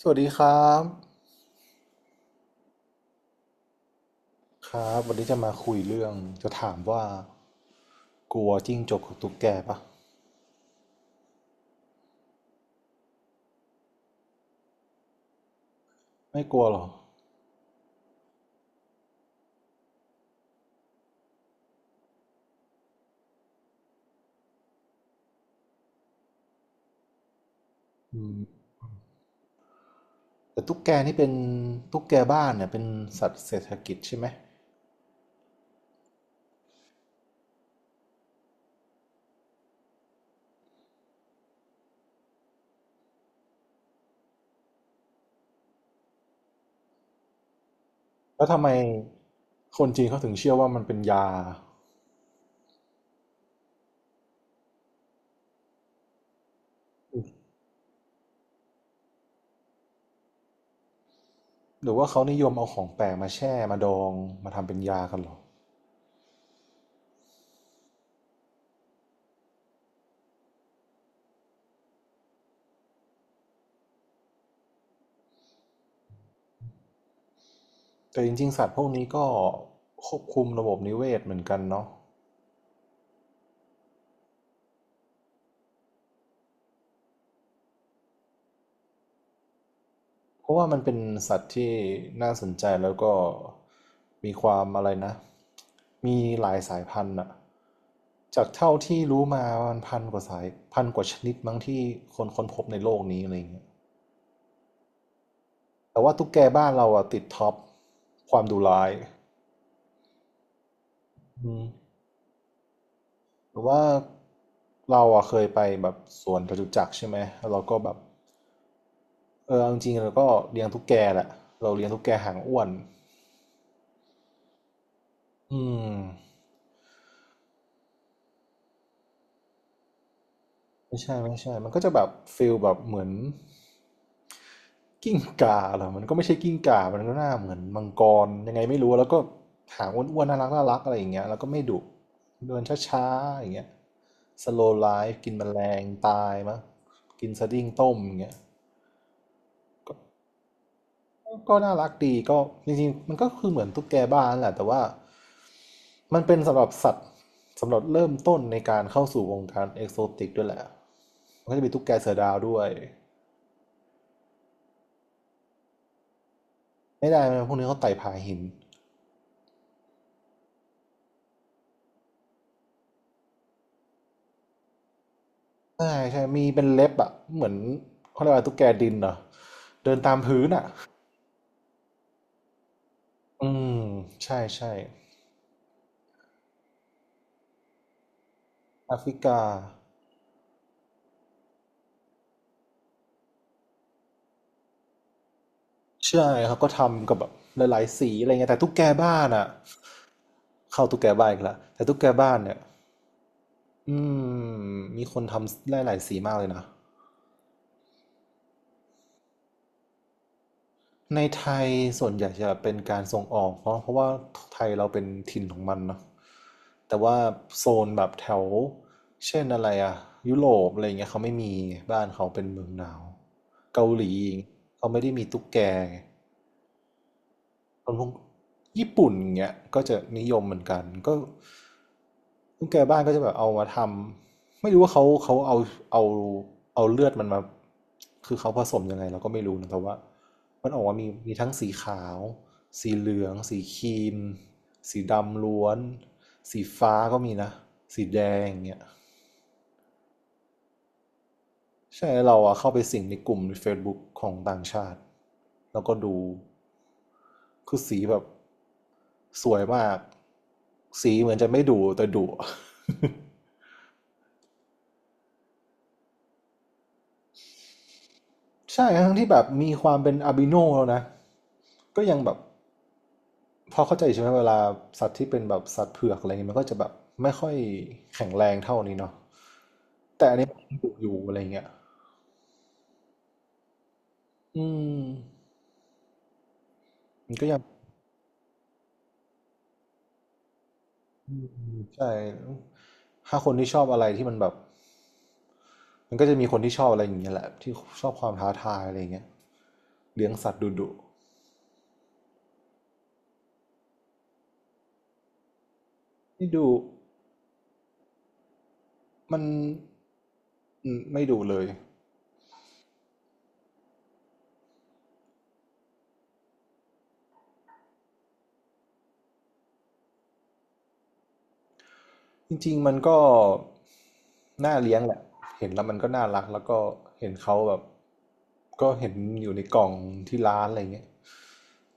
สวัสดีครับครับวันนี้จะมาคุยเรื่องจะถามว่ากลัวจิ้งจกกับตุ๊กแกปะไม่กลัวหรออืมแต่ตุ๊กแกนี่เป็นตุ๊กแกบ้านเนี่ยเป็นสัตว์เศรษฐกิจใช่ไหมแล้วทำไมคนจีนเขาถึงเชื่อว่ามันเป็นยาหรือว่าเขานิยมเอาของแปลกมาแช่มาดองมาทำเป็นยากันหรอแต่จริงๆสัตว์พวกนี้ก็ควบคุมระบบนิเวศเหมือนกันเนาะ เพราะว่ามันเป็นสัตว์ที่น่าสนใจแล้วก็มีความอะไรนะมีหลายสายพันธุ์อะจากเท่าที่รู้มามันพันกว่าสายพันกว่าชนิดมั้งที่คนค้นพบในโลกนี้อะไรเงี้ยแต่ว่าตุ๊กแกบ้านเราอะติดท็อปความดุร้ายอืมหรือว่าเราอะเคยไปแบบสวนจตุจักรใช่ไหมแล้วเราก็แบบเออเอาจริงๆเราก็เลี้ยงตุ๊กแกแหละเราเลี้ยงตุ๊กแกหางอ้วนอืม ไม่ใช่ไม่ใช่มันก็จะแบบฟิลแบบเหมือนกิ้งก่าเหรอมันก็ไม่ใช่กิ้งก่ามันก็หน้าเหมือนมังกรยังไงไม่รู้ แล้วก็หางอ้วนๆน่ารักน่ารักอะไรอย่างเงี้ยแล้วก็ไม่ดุเดินช้าๆอย่างเงี้ยสโลไลฟกินแมลงตายมั้งกินสดิ้งต้มอย่างเงี้ยก็น่ารักดีก็จริงๆมันก็คือเหมือนตุ๊กแกบ้านแหละแต่ว่ามันเป็นสำหรับสัตว์สำหรับเริ่มต้นในการเข้าสู่วงการเอกโซติกด้วยแหละมันก็จะมีตุ๊กแกเสือดาวด้วยไม่ได้นะพวกนี้เขาไต่ผาหิน ใช่ใช่ มีเป็นเล็บอ่ะเหมือนเขาเรียกว่าตุ๊กแกดินเหรอเดินตามพื้นอ่ะอืมใช่ใช่แอฟริกาใช่เขาก็ทำกับแบบหลายๆสีอะไรเงี้ยแต่ตุ๊กแกบ้านอ่ะเข้าตุ๊กแกบ้านอีกแล้วแต่ตุ๊กแกบ้านเนี่ยอืมมีคนทำหลายๆสีมากเลยนะ ในไทยส่วนใหญ่จะเป็นการส่งออกเพราะว่าไทยเราเป็นถิ่นของมันเนาะแต่ว่าโซนแบบแถวเช่นอะไรอะยุโรปอะไรเงี้ยเขาไม่มีบ้านเขาเป็นเมืองหนาวเกาหลีเขาไม่ได้มีตุ๊กแกไง คนพวกญี่ปุ่นเงี้ยก็จะนิยมเหมือนกันก็ลูกแกบ้านก็จะแบบเอามาทำไม่รู้ว่าเขาเอาเลือดมันมาคือเขาผสมยังไงเราก็ไม่รู้นะแต่ว่ามันออกมามีมีทั้งสีขาวสีเหลืองสีครีมสีดำล้วนสีฟ้าก็มีนะสีแดงอย่างเงี้ย ใช่เราอะเข้าไปสิงในกลุ่มใน Facebook ของต่างชาติแล้วก็ดูคือสีแบบสวยมากสีเหมือนจะไม่ดุแต่ดุ ใช่ทั้งที่แบบมีความเป็นอาบิโนแล้วนะก็ยังแบบพอเข้าใจใช่ไหมเวลาสัตว์ที่เป็นแบบสัตว์เผือกอะไรเงี้ยมันก็จะแบบไม่ค่อยแข็งแรงเท่านี้เนาะแต่อันนี้มันดุอยู่อะไรเงี้ยอืมมันก็ยัง อืมใช่ถ้าคนที่ชอบอะไรที่มันแบบมันก็จะมีคนที่ชอบอะไรอย่างเงี้ยแหละที่ชอบความท้าทายอะไรอย่างเงี้ยเลี้ยงสัตว์ดุดุนี่ดูมันอืมไม่ดุเลยจริงๆมันก็น่าเลี้ยงแหละเห็นแล้วมันก็น่ารักแล้วก็เห็นเขาแบบก็เห็นอยู่ในกล่องที่ร้านอะไรเงี้ย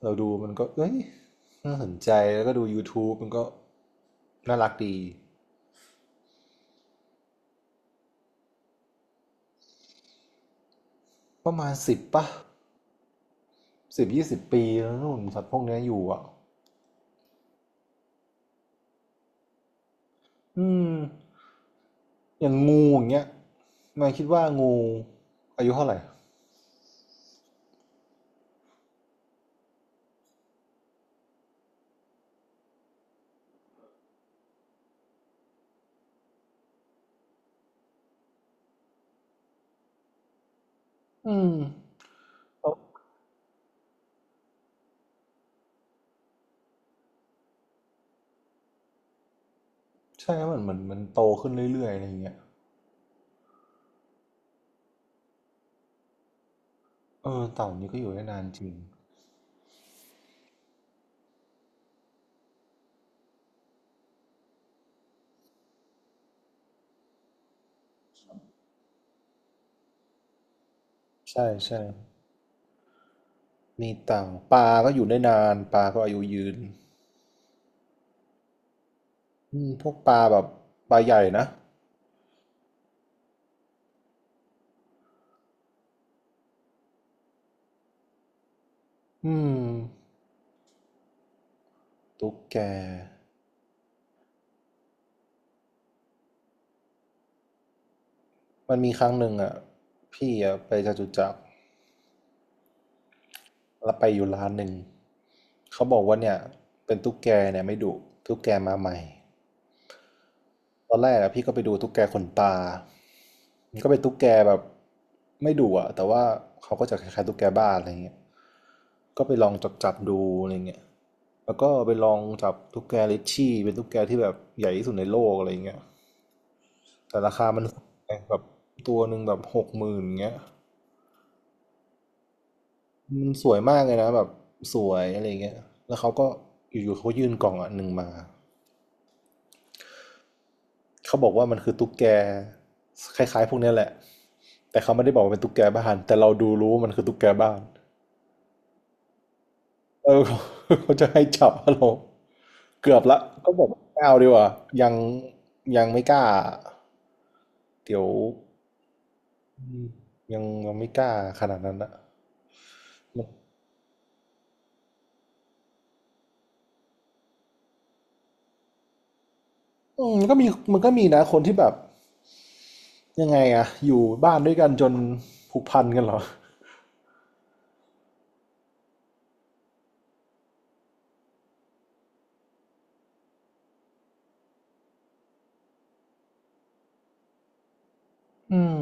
เราดูมันก็เอ้ยน่าสนใจแล้วก็ดูยู u t บ e มันก็น่ารักดีประมาณสิบป่ะ สิบยี่สิบปีแล้วนู่นสัตว์พวกนี้อยู่อ่ะอืมอย่างงูอย่างเงี้ยนายคิดว่างูอายุเท่าไหร่อืมใช่หมมันเหมือนมันโตขึ้นเรื่อยๆอะไรอย่างเงี้ยเออเต่านี่ก็อยู่ได้นานจริง ใช่ใช่มีเต่าปลาก็อยู่ได้นานปลาก็อายุยืนอืมพวกปลาแบบปลาใหญ่นะอืมตุ๊กแก มันมีครั้งหนึ่งอ่ะ พี่อ่ะไปจตุจักร เราไปอยู่ร้านหนึ่งเขาบอกว่าเนี่ยเป็นตุ๊กแกเนี่ยไม่ดุตุ๊กแกมาใหม่ตอนแรกอะพี่ก็ไปดูตุ๊กแกขนตามันก็เป็นตุ๊กแกแบบไม่ดุอะแต่ว่าเขาก็จะคล้ายๆตุ๊กแกบ้านอะไรเงี้ยก็ไปลองจับจับดูอะไรเงี้ยแล้วก็ไปลองจับตุ๊กแกลิชชี่เป็นตุ๊กแกที่แบบใหญ่ที่สุดในโลกอะไรเงี้ยแต่ราคามันแบบตัวหนึ่งแบบหกหมื่นเงี้ย มันสวยมากเลยนะแบบสวยอะไรเงี้ยแล้วเขาก็อยู่ๆเขายื่นกล่องอันหนึ่งมาเขาบอกว่ามันคือตุ๊กแกคล้ายๆพวกเนี้ยแหละแต่เขาไม่ได้บอกว่าเป็นตุ๊กแกบ้านแต่เราดูรู้ว่ามันคือตุ๊กแกบ้านเออเขาจะให้จับเราเกือบละก็บอกไม่เอาดีกว่ายังยังไม่กล้าเดี๋ยวอืมยังไม่กล้าขนาดนั้นนะมันอืมมันก็มีนะคนที่แบบยังไงอะอยู่บ้านด้วยกันจนผูกพันกันเหรอ อืม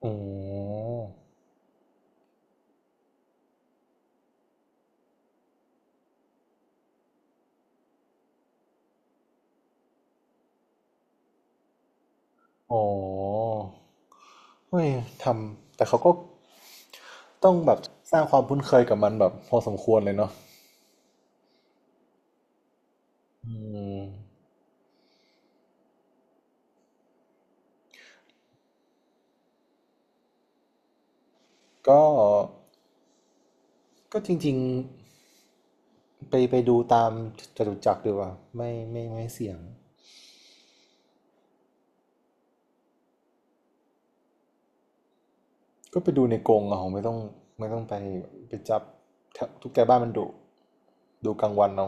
อ๋ออ๋อเฮ้ยทำแต่เขาก็ต้องแบบสร้างความคุ้นเคยกับมันแบบพอสมควรเลยเนาะอืมก็ก็จริงๆ ไปดูตามจตุจักรดีกว่า ไม่ไม่ไม่เสี่ยง ก็ไปดูในกรงเอาไม่ต้องไปจับถ้าทุกแกบ้านมันดุดูกลางวันเอา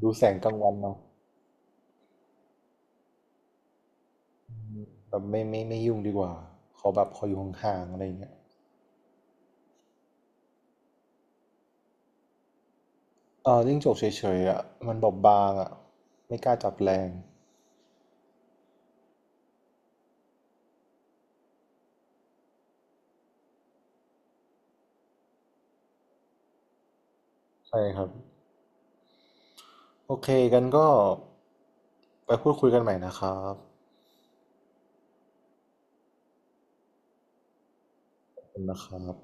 ดูแสงกลางวันเอาแบบไม่ไม่ไม่ยุ่งดีกว่าขอแบบขออยู่ห่างๆอะไรอย่างเงี้ย จิ้งจกเฉยๆอ่ะมันบอบบางอ่ะไม่กล้าจับแรงใช่ครับโอเคกันก็ไปพูดคุยกันใหม่นะครับขอบคุณนะครับ